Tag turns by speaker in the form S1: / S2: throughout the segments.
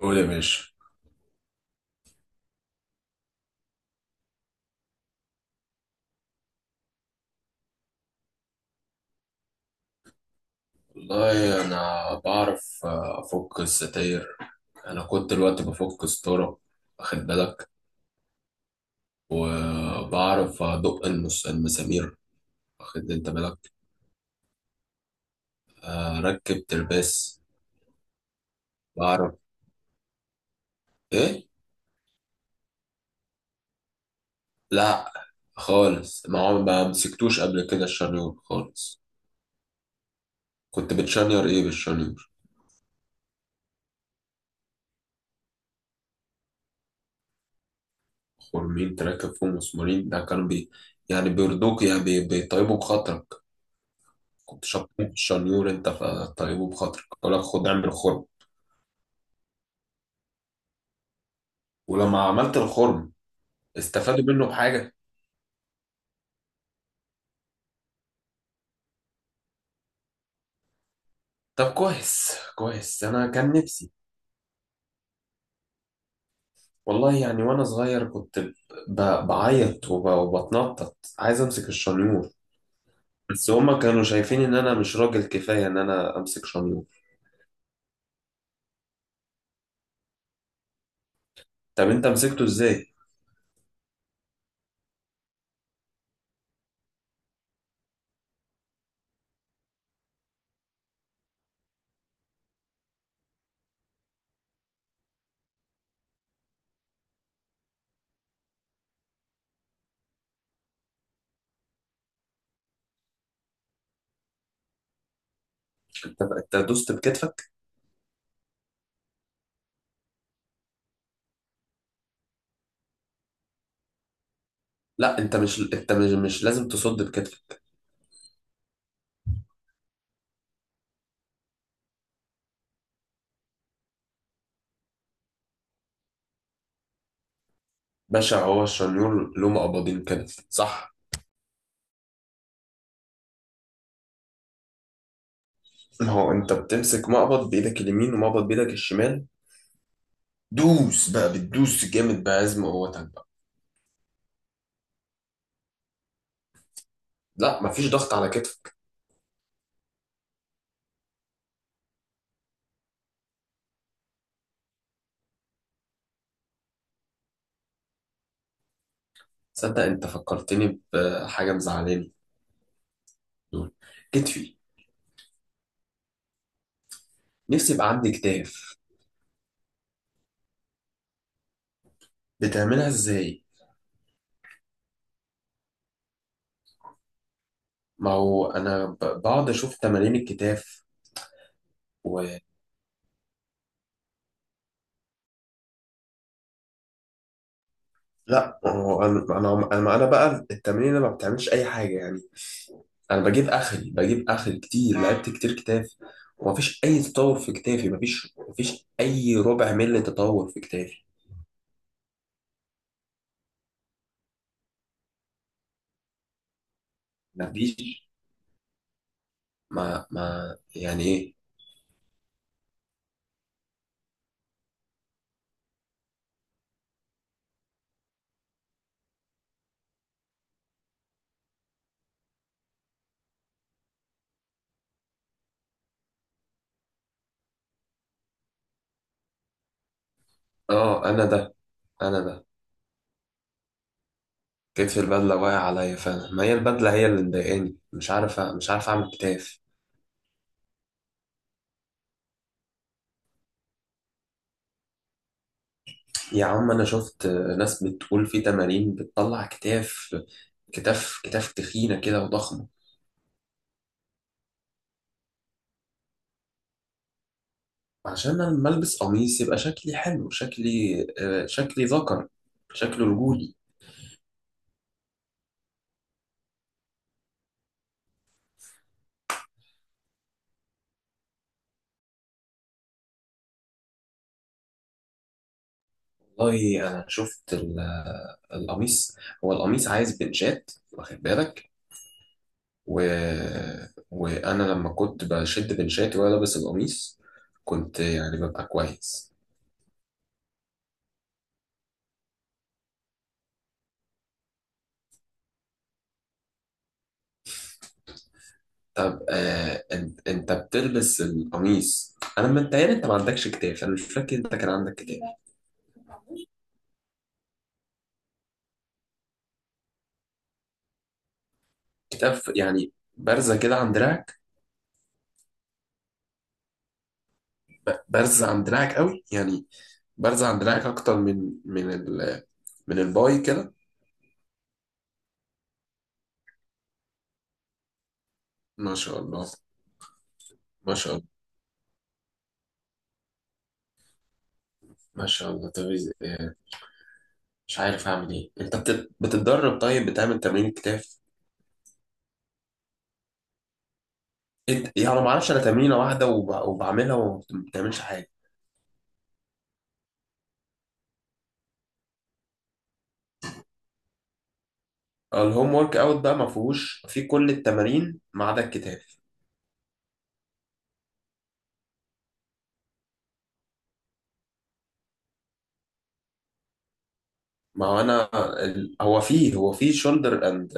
S1: قول يا باشا. والله انا بعرف، افك الستاير. انا كنت الوقت بفك ستاره، واخد بالك؟ وبعرف ادق المسامير، واخد انت بالك؟ اركب ترباس. بعرف ايه؟ لا، خالص، ما مسكتوش قبل كده الشنيور خالص. كنت بتشنير ايه بالشنيور؟ خرمين تركب فيهم مسمارين؟ ده كانوا يعني بيرضوك، يعني بيطيبوا بخاطرك. كنت شطين في الشنيور انت فطيبه بخاطرك يقول لك خد اعمل خرم. ولما عملت الخرم استفادوا منه بحاجة؟ طب كويس كويس، انا كان نفسي. والله يعني وانا صغير كنت بعيط، وبتنطط عايز امسك الشنيور. بس هما كانوا شايفين ان انا مش راجل كفاية ان انا امسك شنيور. طب انت مسكته ازاي؟ انت دوست بكتفك؟ لا، انت مش انت مش, مش لازم تصد بكتفك. باشا، هو الشنيور له مقبضين كده صح؟ ما هو انت بتمسك مقبض بايدك اليمين ومقبض بايدك الشمال، دوس بقى، بتدوس جامد بعزم قوتك بقى. لا، مفيش ضغط على كتفك. تصدق انت فكرتني بحاجه مزعلاني. كتفي. نفسي يبقى عندي كتاف. بتعملها ازاي؟ ما هو انا بقعد اشوف تمارين الكتاف و لا. هو انا انا انا أنا بقى التمارين ما بتعملش اي حاجه يعني. انا بجيب اخري كتير، لعبت كتير كتاف، ومفيش اي تطور في كتافي، مفيش اي ربع ملي تطور في كتافي. مفيش. ما يعني ايه؟ اه انا ده، انا ده. كتف البدله واقع عليا فعلا، ما هي البدله هي اللي مضايقاني، مش عارف اعمل كتاف. يا عم انا شفت ناس بتقول في تمارين بتطلع كتاف، كتاف كتاف تخينه كده وضخمه. عشان انا لما البس قميص يبقى شكلي حلو، شكلي، شكلي ذكر، شكله رجولي. والله انا شفت القميص. هو القميص عايز بنشات، واخد بالك؟ و... وانا لما كنت بشد بنشاتي وانا لابس القميص كنت يعني ببقى كويس. طب انت بتلبس القميص، انا متهيألي انت ما عندكش كتاف، انا مش فاكر انت كان عندك كتاف. كتاف يعني بارزه كده عن دراعك؟ بارزه عن دراعك قوي يعني. بارزه عن دراعك اكتر من من الباي كده. ما شاء الله، ما شاء الله، ما شاء الله. طب، مش عارف اعمل ايه. انت بتتدرب؟ طيب بتعمل تمرين الكتاف؟ انت يعني ما اعرفش، انا تمرينه واحده وبعملها وما بتعملش حاجه. الهوم ورك اوت بقى ما فيهوش في كل التمارين ما عدا الكتاف. ما هو انا هو فيه شولدر اند،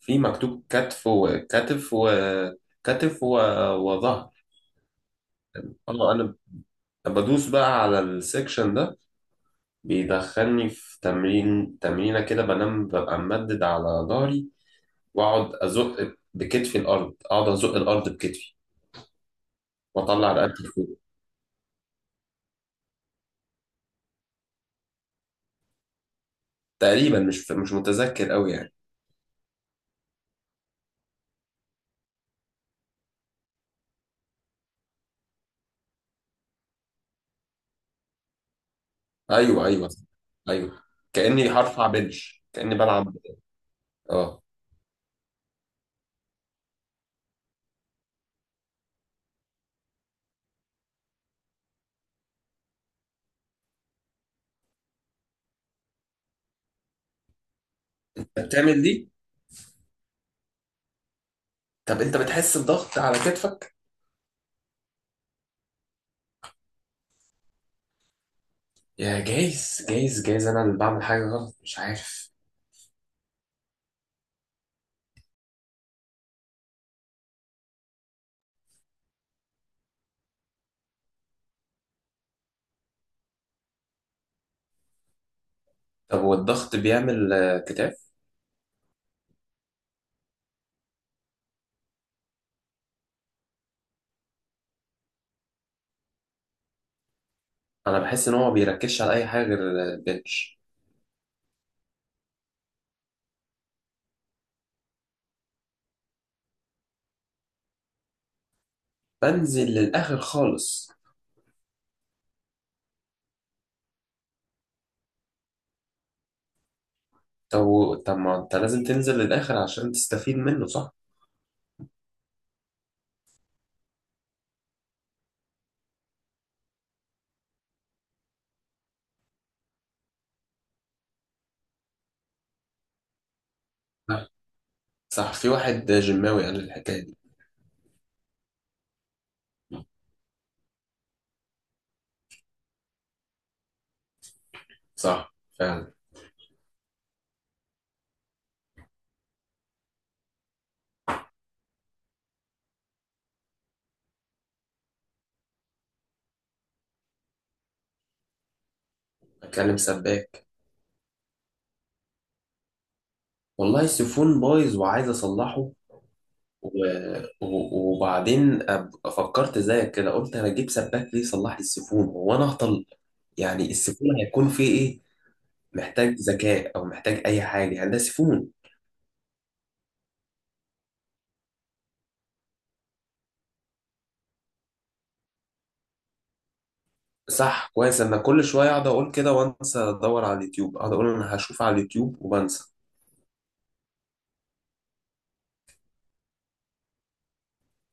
S1: في مكتوب كتف وكتف وكتف وظهر. اه، انا بدوس بقى على السكشن ده، بيدخلني في تمرينه كده، بنام، ببقى ممدد على ظهري، واقعد ازق بكتفي الارض، اقعد ازق الارض بكتفي، واطلع رقبتي لفوق. تقريبا مش متذكر قوي يعني. ايوه، ايوه، ايوه. كاني هرفع بنش، كاني بلعب. اه انت بتعمل دي؟ طب انت بتحس بضغط على كتفك؟ يا، جايز جايز جايز، انا اللي بعمل حاجه غلط مش عارف. طب هو الضغط بيعمل، كتاف؟ انا بحس ان هو ما بيركزش على اي حاجه غير البنش. بنزل للاخر خالص. طب، ما انت لازم تنزل للاخر عشان تستفيد منه صح. صح، في واحد جماوي قال الحكاية دي. صح فعلا. بتكلم سباك. والله السيفون بايظ وعايز اصلحه، و... و... وبعدين فكرت زيك كده قلت انا اجيب سباك ليه يصلح لي السيفون، هو انا اهطل؟ يعني السيفون هيكون فيه ايه؟ محتاج ذكاء او محتاج اي حاجه؟ يعني ده سيفون. صح، كويس، انا كل شويه اقعد اقول كده وانسى، ادور على اليوتيوب اقعد اقول انا هشوف على اليوتيوب وبنسى.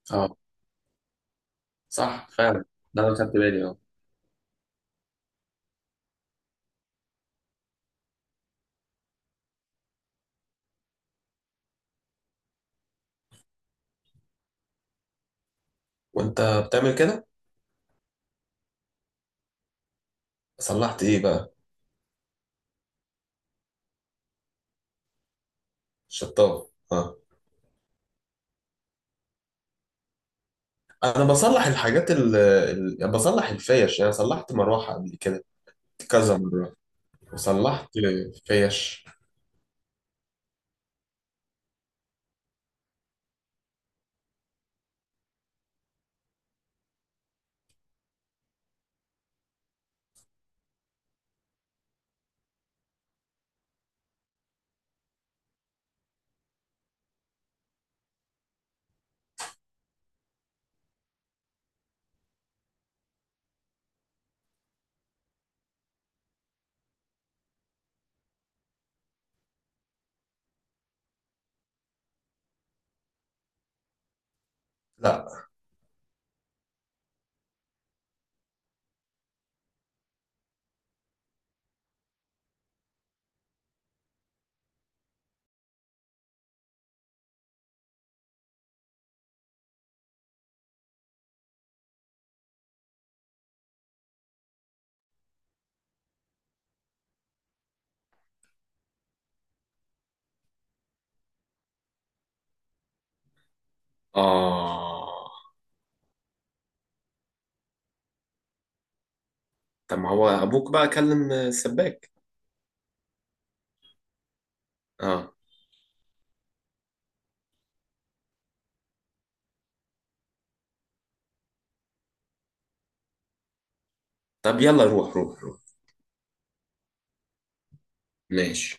S1: اه. صح فعلا. ده انا خدت بالي، اه. وانت بتعمل كده؟ صلحت ايه بقى؟ شطاف، اه. انا بصلح الحاجات يعني بصلح الفيش، يعني صلحت مروحه قبل كده كذا مره، وصلحت فيش. لا، آه. طب ما هو أبوك بقى كلم السباك. آه. طب يلا، روح روح روح. ماشي.